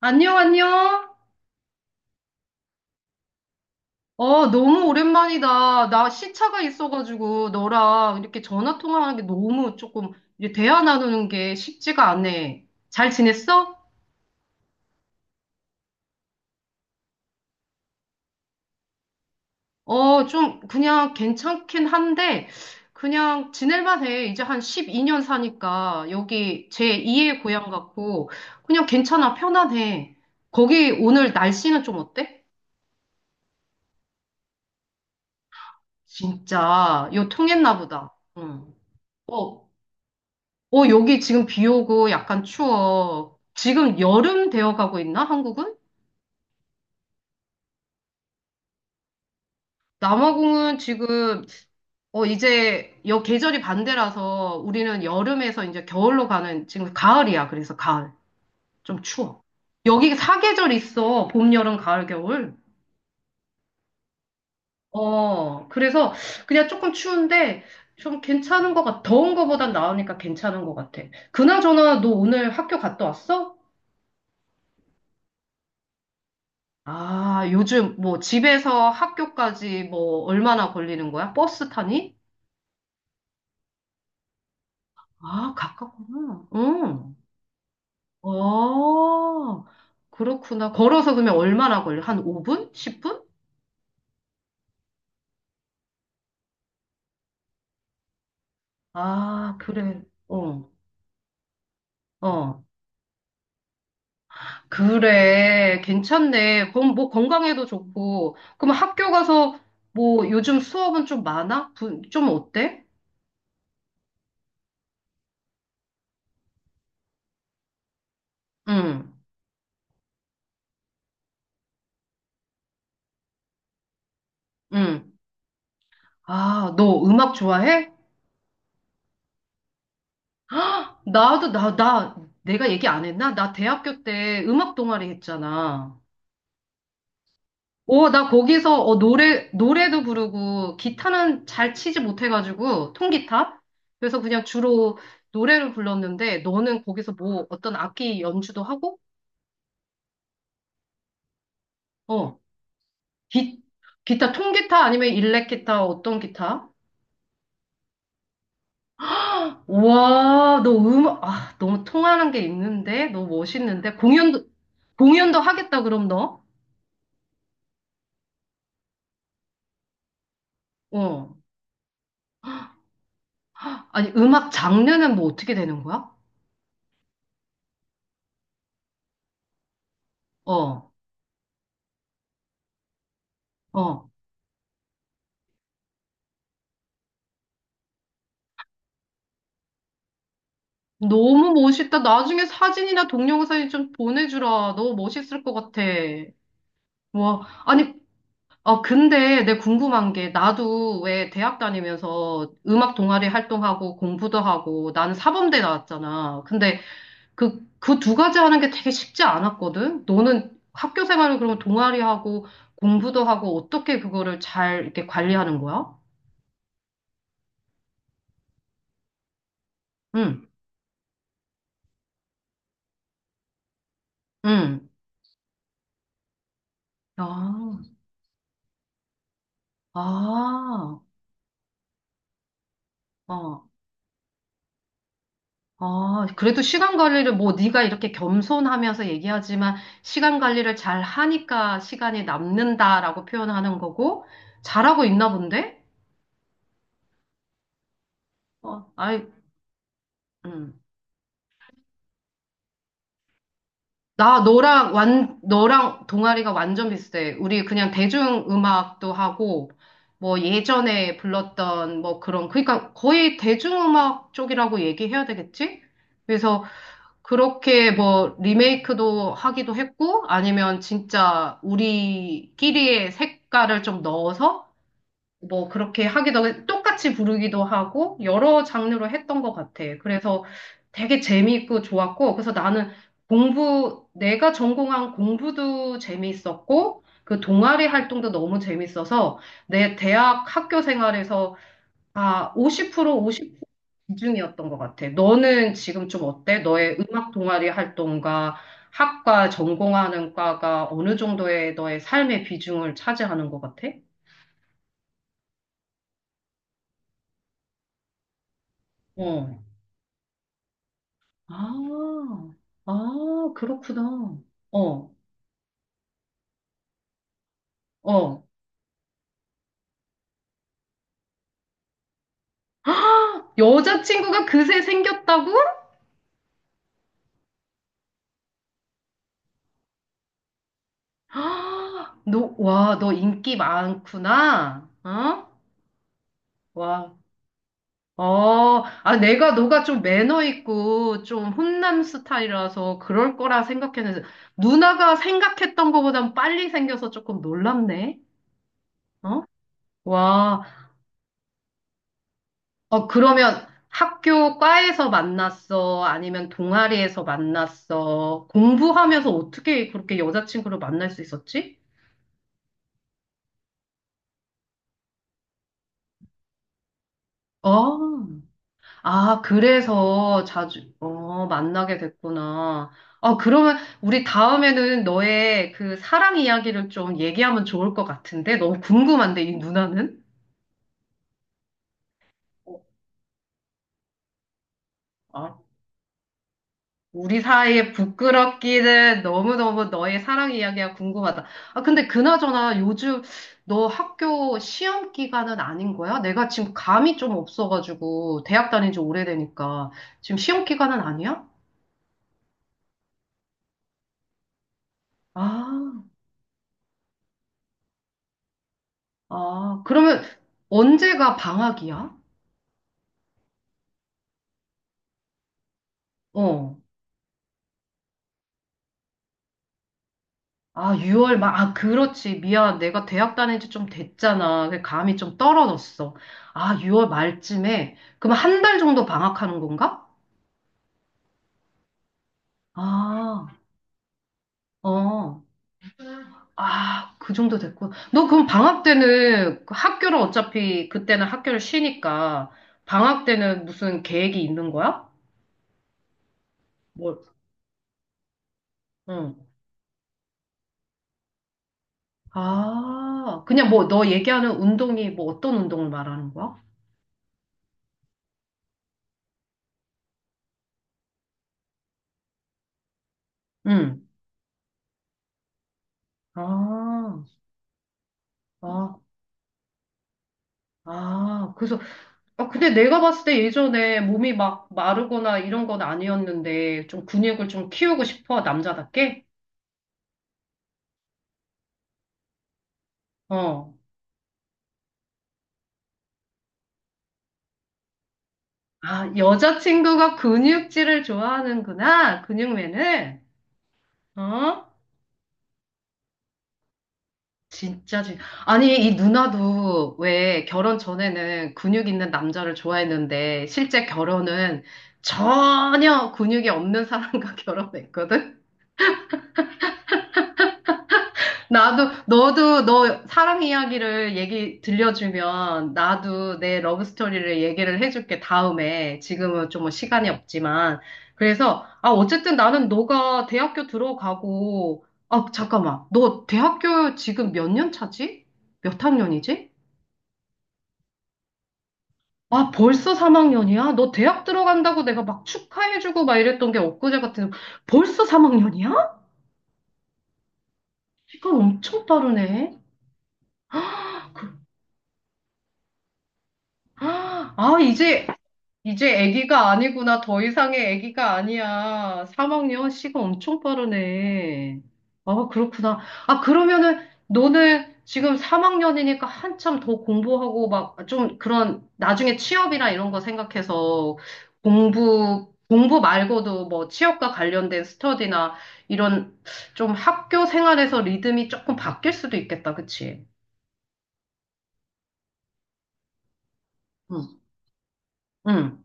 안녕, 안녕. 어, 너무 오랜만이다. 나 시차가 있어가지고 너랑 이렇게 전화 통화하는 게 너무 조금 이제 대화 나누는 게 쉽지가 않네. 잘 지냈어? 어, 좀 그냥 괜찮긴 한데 그냥 지낼만 해. 이제 한 12년 사니까 여기 제2의 고향 같고 그냥 괜찮아. 편안해. 거기 오늘 날씨는 좀 어때? 진짜 요 통했나 보다. 응. 어, 어, 여기 지금 비 오고 약간 추워. 지금 여름 되어 가고 있나, 한국은? 남아공은 지금, 어, 이제 여 계절이 반대라서 우리는 여름에서 이제 겨울로 가는, 지금 가을이야. 그래서 가을. 좀 추워. 여기 사계절 있어. 봄, 여름, 가을, 겨울. 어, 그래서 그냥 조금 추운데 좀 괜찮은 것 같아. 더운 거보단 나으니까 괜찮은 것 같아. 그나저나 너 오늘 학교 갔다 왔어? 아, 요즘 뭐 집에서 학교까지 뭐 얼마나 걸리는 거야? 버스 타니? 아, 가깝구나. 응. 어, 그렇구나. 걸어서 그러면 얼마나 걸려? 한 5분? 10분? 아, 그래. 어, 어. 그래. 괜찮네. 그럼 뭐 건강에도 좋고. 그럼 학교 가서 뭐 요즘 수업은 좀 많아? 좀 어때? 응, 응. 아, 너 음악 좋아해? 아, 나도, 내가 얘기 안 했나? 나 대학교 때 음악 동아리 했잖아. 오, 나 거기서 어, 노래도 부르고, 기타는 잘 치지 못해가지고, 통기타? 그래서 그냥 주로 노래를 불렀는데, 너는 거기서 뭐, 어떤 악기 연주도 하고? 어, 기, 기타, 통기타 아니면 일렉기타, 어떤 기타? 와, 너 음악, 아, 너무 통하는 게 있는데? 너무 멋있는데? 공연도 하겠다, 그럼 너? 어. 아니, 음악 장르는 뭐 어떻게 되는 거야? 어, 어. 너무 멋있다. 나중에 사진이나 동영상이 좀 보내주라. 너무 멋있을 것 같아. 와, 아니, 아, 근데 내 궁금한 게, 나도 왜 대학 다니면서 음악 동아리 활동하고 공부도 하고, 나는 사범대 나왔잖아. 근데 그 두 가지 하는 게 되게 쉽지 않았거든? 너는 학교 생활을 그러면 동아리하고 공부도 하고, 어떻게 그거를 잘 이렇게 관리하는 거야? 응, 응. 아. 아, 어, 아, 그래도 시간 관리를 뭐 네가 이렇게 겸손하면서 얘기하지만 시간 관리를 잘 하니까 시간이 남는다라고 표현하는 거고 잘하고 있나 본데? 어, 아이, 음. 나 너랑 동아리가 완전 비슷해. 우리 그냥 대중 음악도 하고 뭐 예전에 불렀던 뭐 그런 그러니까 거의 대중 음악 쪽이라고 얘기해야 되겠지? 그래서 그렇게 뭐 리메이크도 하기도 했고 아니면 진짜 우리끼리의 색깔을 좀 넣어서 뭐 그렇게 똑같이 부르기도 하고 여러 장르로 했던 것 같아. 그래서 되게 재미있고 좋았고 그래서 나는 공부 내가 전공한 공부도 재미있었고 그 동아리 활동도 너무 재밌어서 내 대학 학교 생활에서 아, 50% 비중이었던 것 같아. 너는 지금 좀 어때? 너의 음악 동아리 활동과 학과 전공하는 과가 어느 정도의 너의 삶의 비중을 차지하는 것 같아? 어. 아, 그렇구나. 어, 어. 여자친구가 그새 생겼다고? 아, 너, 와, 너 인기 많구나. 어? 와, 어, 아, 내가 너가 좀 매너 있고 좀 훈남 스타일이라서 그럴 거라 생각했는데 누나가 생각했던 것보단 빨리 생겨서 조금 놀랍네. 어? 와, 어, 그러면 학교 과에서 만났어? 아니면 동아리에서 만났어? 공부하면서 어떻게 그렇게 여자친구를 만날 수 있었지? 어. 아, 그래서 자주, 어, 만나게 됐구나. 아, 그러면 우리 다음에는 너의 그 사랑 이야기를 좀 얘기하면 좋을 것 같은데? 너무 궁금한데, 이 누나는? 어, 아, 우리 사이의 부끄럽기는 너무너무 너의 사랑 이야기가 궁금하다. 아, 근데 그나저나 요즘 너 학교 시험 기간은 아닌 거야? 내가 지금 감이 좀 없어가지고, 대학 다닌 지 오래되니까. 지금 시험 기간은 아니야? 아. 아, 그러면 언제가 방학이야? 어. 아, 6월 말. 아, 그렇지. 미안. 내가 대학 다닌 지 좀 됐잖아. 그 감이 좀 떨어졌어. 아, 6월 말쯤에. 그럼 한 달 정도 방학하는 건가? 아, 어. 아, 그 정도 됐고. 너 그럼 방학 때는 그 학교를 어차피 그때는 학교를 쉬니까 방학 때는 무슨 계획이 있는 거야? 뭘? 응. 아, 그냥 뭐 너 얘기하는 운동이 뭐 어떤 운동을 말하는 거야? 응. 아, 아, 아, 그래서, 아, 근데 내가 봤을 때 예전에 몸이 막 마르거나 이런 건 아니었는데, 좀 근육을 좀 키우고 싶어, 남자답게? 어. 아, 여자친구가 근육질을 좋아하는구나, 근육맨을 어? 진짜, 진 아니, 이 누나도 왜 결혼 전에는 근육 있는 남자를 좋아했는데, 실제 결혼은 전혀 근육이 없는 사람과 결혼했거든? 나도, 너도, 너 사랑 이야기를 얘기 들려주면 나도 내 러브 스토리를 얘기를 해줄게, 다음에. 지금은 좀 뭐 시간이 없지만. 그래서, 아, 어쨌든 나는 너가 대학교 들어가고, 아, 잠깐만. 너 대학교 지금 몇 년 차지? 몇 학년이지? 아, 벌써 3학년이야? 너 대학 들어간다고 내가 막 축하해주고 막 이랬던 게 엊그제 같은, 벌써 3학년이야? 시간 엄청 빠르네. 그- 아, 이제, 이제 아기가 아니구나. 더 이상의 아기가 아니야. 3학년 시가 엄청 빠르네. 아, 그렇구나. 아, 그러면은 너는 지금 3학년이니까 한참 더 공부하고 막 좀 그런 나중에 취업이나 이런 거 생각해서 공부 말고도 뭐 취업과 관련된 스터디나 이런 좀 학교 생활에서 리듬이 조금 바뀔 수도 있겠다. 그치? 응, 응,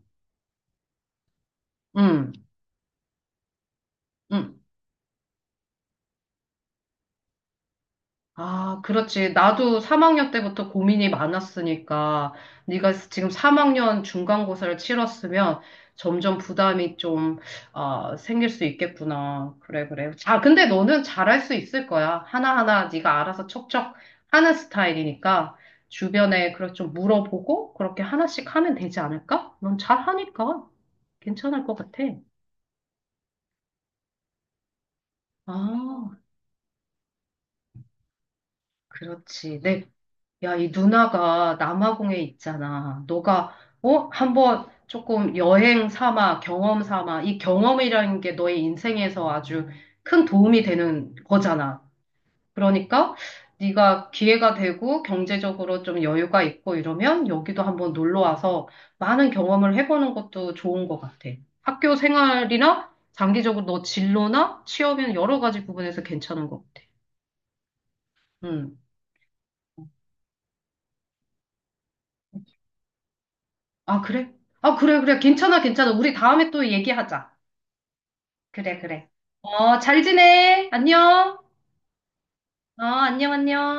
응, 응. 아, 그렇지. 나도 3학년 때부터 고민이 많았으니까 네가 지금 3학년 중간고사를 치렀으면 점점 부담이 좀 아, 생길 수 있겠구나. 그래, 그래. 자, 근데 너는 잘할 수 있을 거야. 하나하나 네가 알아서 척척 하는 스타일이니까 주변에 그렇게 좀 물어보고 그렇게 하나씩 하면 되지 않을까? 넌 잘하니까 괜찮을 것 같아. 아, 그렇지. 네, 야, 이 누나가 남아공에 있잖아. 너가, 어? 한번 조금 여행 삼아, 경험 삼아. 이 경험이라는 게 너의 인생에서 아주 큰 도움이 되는 거잖아. 그러니까 네가 기회가 되고 경제적으로 좀 여유가 있고 이러면 여기도 한번 놀러 와서 많은 경험을 해보는 것도 좋은 것 같아. 학교 생활이나 장기적으로 너 진로나 취업이나 여러 가지 부분에서 괜찮은 것 같아. 음. 아, 그래? 아, 그래, 그래. 괜찮아, 괜찮아. 우리 다음에 또 얘기하자. 그래, 그래. 어, 잘 지내. 안녕. 어, 안녕, 안녕.